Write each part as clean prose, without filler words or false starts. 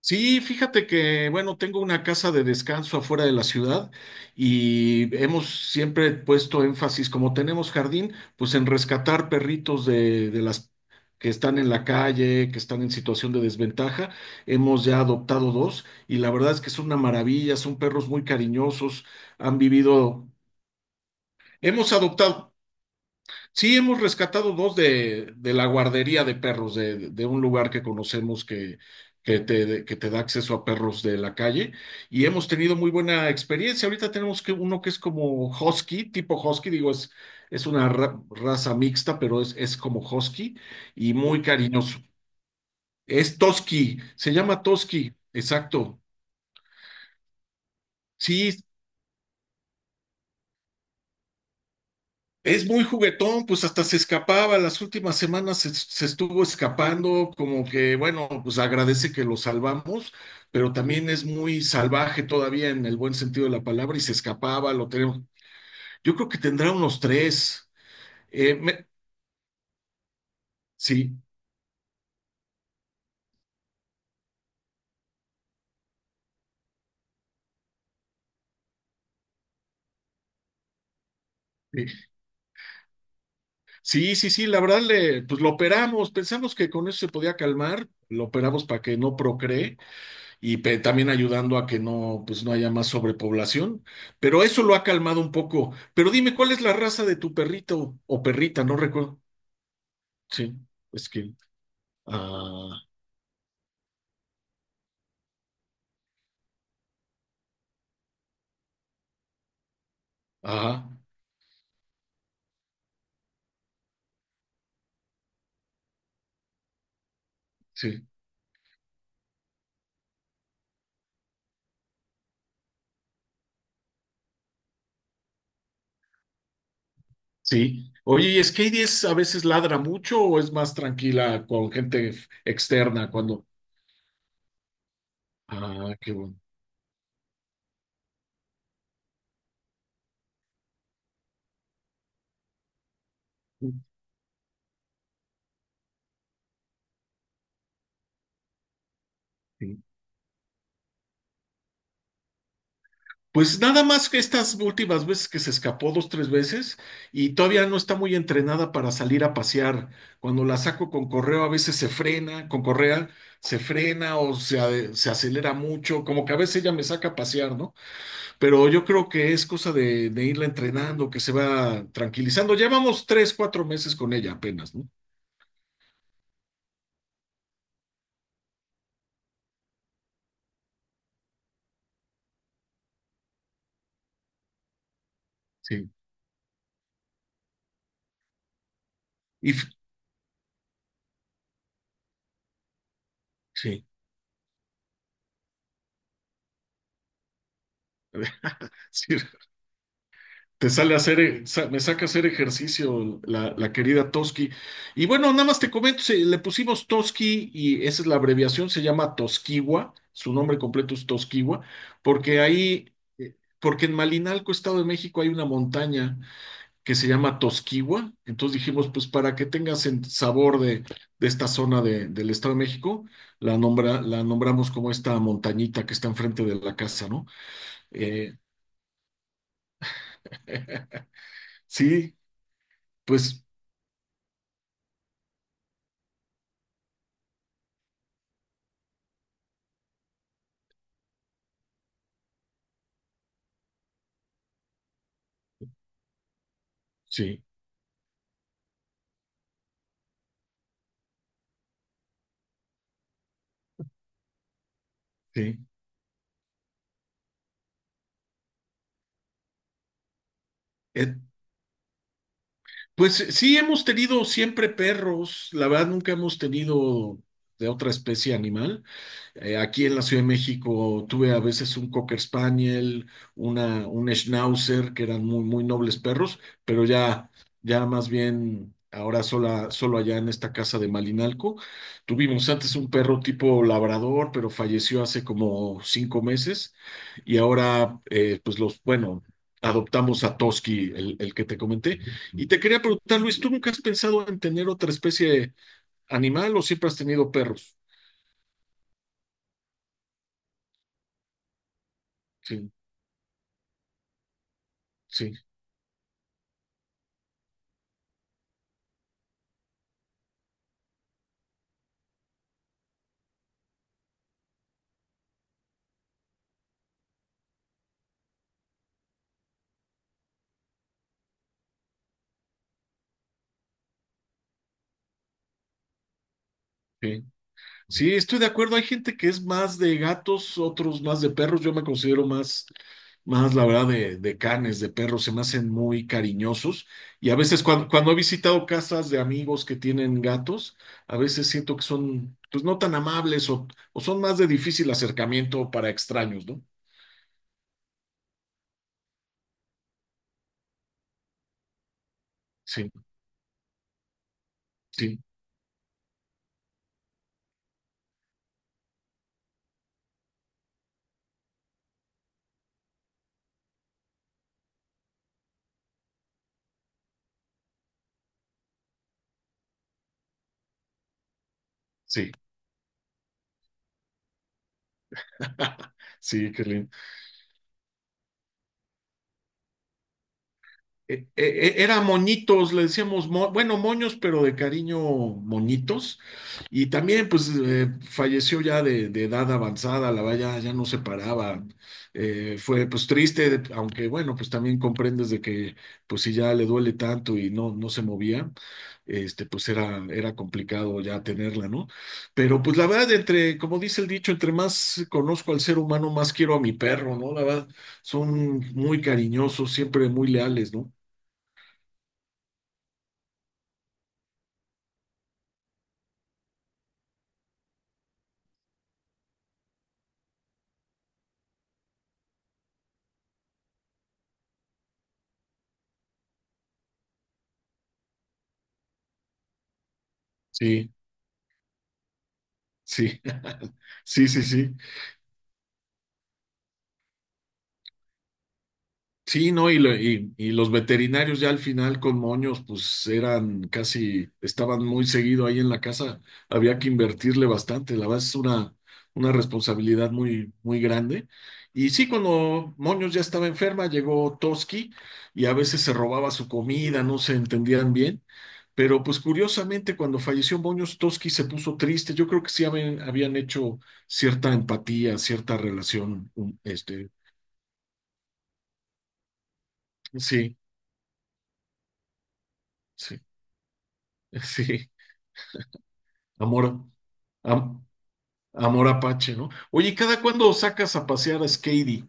Sí, fíjate que, bueno, tengo una casa de descanso afuera de la ciudad y hemos siempre puesto énfasis, como tenemos jardín, pues en rescatar perritos de las que están en la calle, que están en situación de desventaja. Hemos ya adoptado dos y la verdad es que es una maravilla, son perros muy cariñosos, han vivido, hemos adoptado. Sí, hemos rescatado dos de la guardería de perros, de un lugar que conocemos que te da acceso a perros de la calle y hemos tenido muy buena experiencia. Ahorita tenemos que uno que es como husky, tipo husky, digo, es una raza mixta, pero es como husky y muy cariñoso. Es Toski, se llama Toski, exacto. Sí, es muy juguetón, pues hasta se escapaba, las últimas semanas se estuvo escapando, como que, bueno, pues agradece que lo salvamos, pero también es muy salvaje todavía en el buen sentido de la palabra y se escapaba, lo tenemos. Yo creo que tendrá unos tres. eh, me- sí, sí, sí, sí, sí, la verdad, le, pues lo operamos, pensamos que con eso se podía calmar, lo operamos para que no procree y también ayudando a que no, pues no haya más sobrepoblación. Pero eso lo ha calmado un poco. Pero dime, ¿cuál es la raza de tu perrito o perrita? No recuerdo. Sí, es que. Ah, ajá, sí, sí. Oye, ¿y Skady es, a veces ladra mucho o es más tranquila con gente externa cuando... Ah, qué bueno. Sí, sí. Pues nada más que estas últimas veces que se escapó dos, tres veces y todavía no está muy entrenada para salir a pasear. Cuando la saco con correo a veces se frena, con correa se frena o se acelera mucho, como que a veces ella me saca a pasear, ¿no? Pero yo creo que es cosa de irla entrenando, que se va tranquilizando. Llevamos tres, cuatro meses con ella apenas, ¿no? Sí. Y f- sí. Sí, te sale a hacer, me saca a hacer ejercicio la querida Toski. Y bueno, nada más te comento, le pusimos Toski y esa es la abreviación, se llama Tosquiwa, su nombre completo es Tosquiwa, porque ahí, porque en Malinalco, Estado de México, hay una montaña que se llama Tosquiwa, entonces dijimos, pues para que tengas el sabor de esta zona del Estado de México, la, nombra, la nombramos como esta montañita que está enfrente de la casa, ¿no? Eh, sí, pues sí. Sí. Es, pues sí, hemos tenido siempre perros, la verdad nunca hemos tenido de otra especie animal. Aquí en la Ciudad de México tuve a veces un Cocker Spaniel, una, un Schnauzer, que eran muy, muy nobles perros, pero ya, ya más bien ahora sola, solo allá en esta casa de Malinalco. Tuvimos antes un perro tipo labrador, pero falleció hace como cinco meses y ahora, pues los, bueno, adoptamos a Toski, el que te comenté. Y te quería preguntar, Luis, ¿tú nunca has pensado en tener otra especie animal o siempre has tenido perros? Sí, sí, sí. Sí, estoy de acuerdo. Hay gente que es más de gatos, otros más de perros. Yo me considero más, más, la verdad, de canes, de perros. Se me hacen muy cariñosos. Y a veces cuando he visitado casas de amigos que tienen gatos, a veces siento que son, pues, no tan amables o son más de difícil acercamiento para extraños, ¿no? Sí, sí, sí. Sí, qué lindo. eh, eh, Era moñitos, le decíamos, bueno, moños, pero de cariño moñitos. Y también, pues, falleció ya de edad avanzada, la valla ya no se paraba. Fue, pues, triste, aunque, bueno, pues también comprendes de que, pues, si ya le duele tanto y no, no se movía, este, pues era, era complicado ya tenerla, ¿no? Pero, pues, la verdad, entre, como dice el dicho, entre más conozco al ser humano, más quiero a mi perro, ¿no? La verdad, son muy cariñosos, siempre muy leales, ¿no? Sí, sí, sí, sí, sí. Sí, no, y los veterinarios ya al final con moños, pues eran casi, estaban muy seguido ahí en la casa, había que invertirle bastante, la verdad es una responsabilidad muy, muy grande. Y sí, cuando Moños ya estaba enferma, llegó Toski y a veces se robaba su comida, no se entendían bien, pero pues curiosamente cuando falleció Moños, Toski se puso triste, yo creo que sí habían hecho cierta empatía, cierta relación, este, sí, sí, sí. Amor, am- amor Apache, ¿no? Oye, ¿y cada cuándo sacas a pasear a Skady?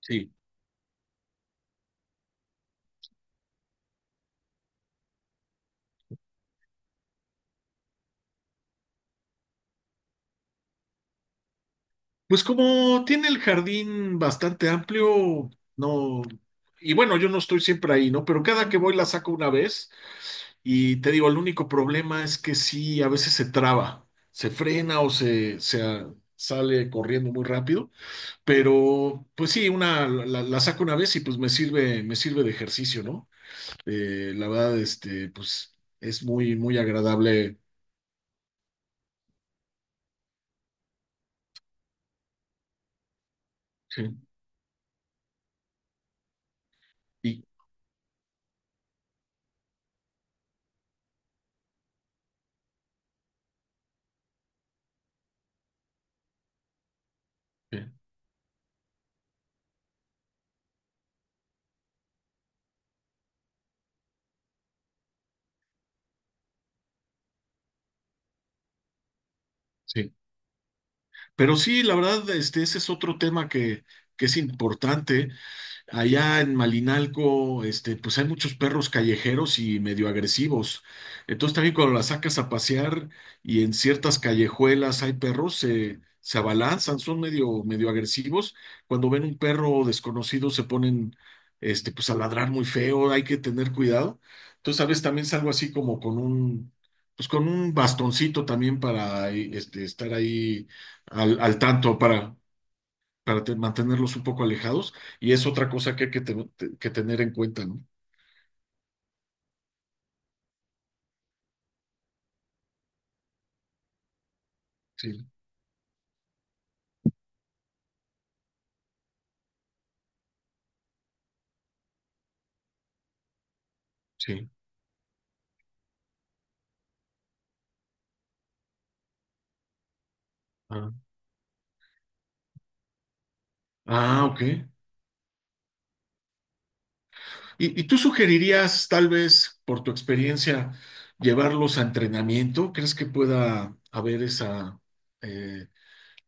Sí. Pues como tiene el jardín bastante amplio, no. Y bueno, yo no estoy siempre ahí, ¿no? Pero cada que voy la saco una vez y te digo, el único problema es que sí, a veces se traba, se frena o sale corriendo muy rápido, pero pues sí, la saco una vez y pues me sirve de ejercicio, ¿no? La verdad, este, pues es muy, muy agradable. Sí, y, eh, sí. Pero sí, la verdad, este, ese es otro tema que es importante. Allá en Malinalco, este, pues hay muchos perros callejeros y medio agresivos. Entonces también cuando las sacas a pasear y en ciertas callejuelas hay perros, se abalanzan, son medio, medio agresivos. Cuando ven un perro desconocido se ponen, este, pues a ladrar muy feo, hay que tener cuidado. Entonces a veces también salgo así como con un, pues con un bastoncito también para, este, estar ahí al tanto, para mantenerlos un poco alejados. Y es otra cosa que hay que tener en cuenta, ¿no? Sí, sí. Ah, ah, ok. Y tú sugerirías, tal vez, por tu experiencia, llevarlos a entrenamiento? ¿Crees que pueda haber esa, eh,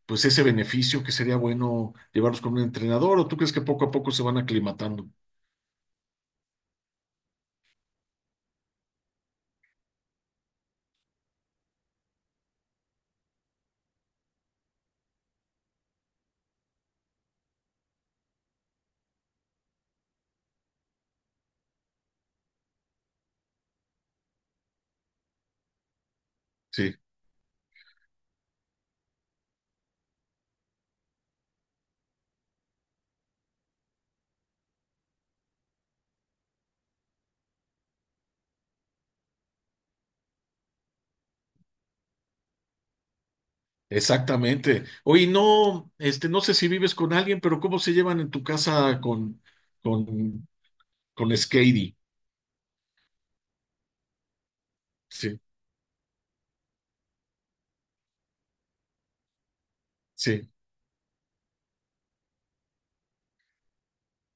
pues ese beneficio que sería bueno llevarlos con un entrenador? ¿O tú crees que poco a poco se van aclimatando? Sí, exactamente. Oye, no, este, no sé si vives con alguien, pero ¿cómo se llevan en tu casa con, con Skady? Sí. Sí,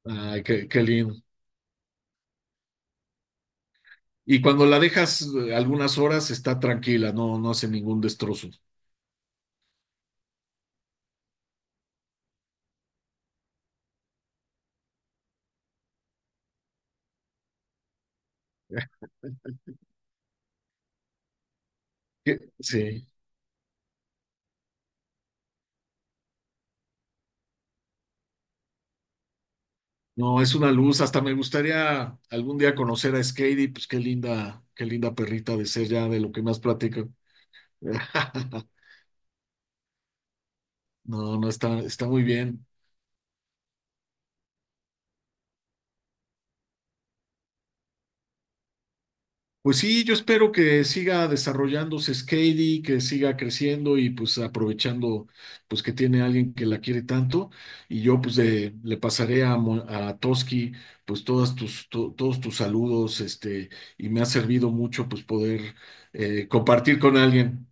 ay, qué, qué lindo. Y cuando la dejas algunas horas está tranquila, no, no hace ningún destrozo. Sí, no, es una luz. Hasta me gustaría algún día conocer a Skady, pues qué linda perrita de ser ya de lo que más platico. No, no está, está muy bien. Pues sí, yo espero que siga desarrollándose Skady, que siga creciendo y pues aprovechando pues que tiene alguien que la quiere tanto y yo pues le pasaré a, a Toski pues todos tus saludos este y me ha servido mucho pues poder compartir con alguien.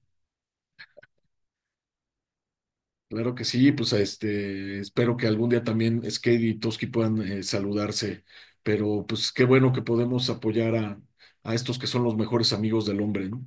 Claro que sí, pues este espero que algún día también Skady y Toski puedan saludarse, pero pues qué bueno que podemos apoyar a estos que son los mejores amigos del hombre, ¿no?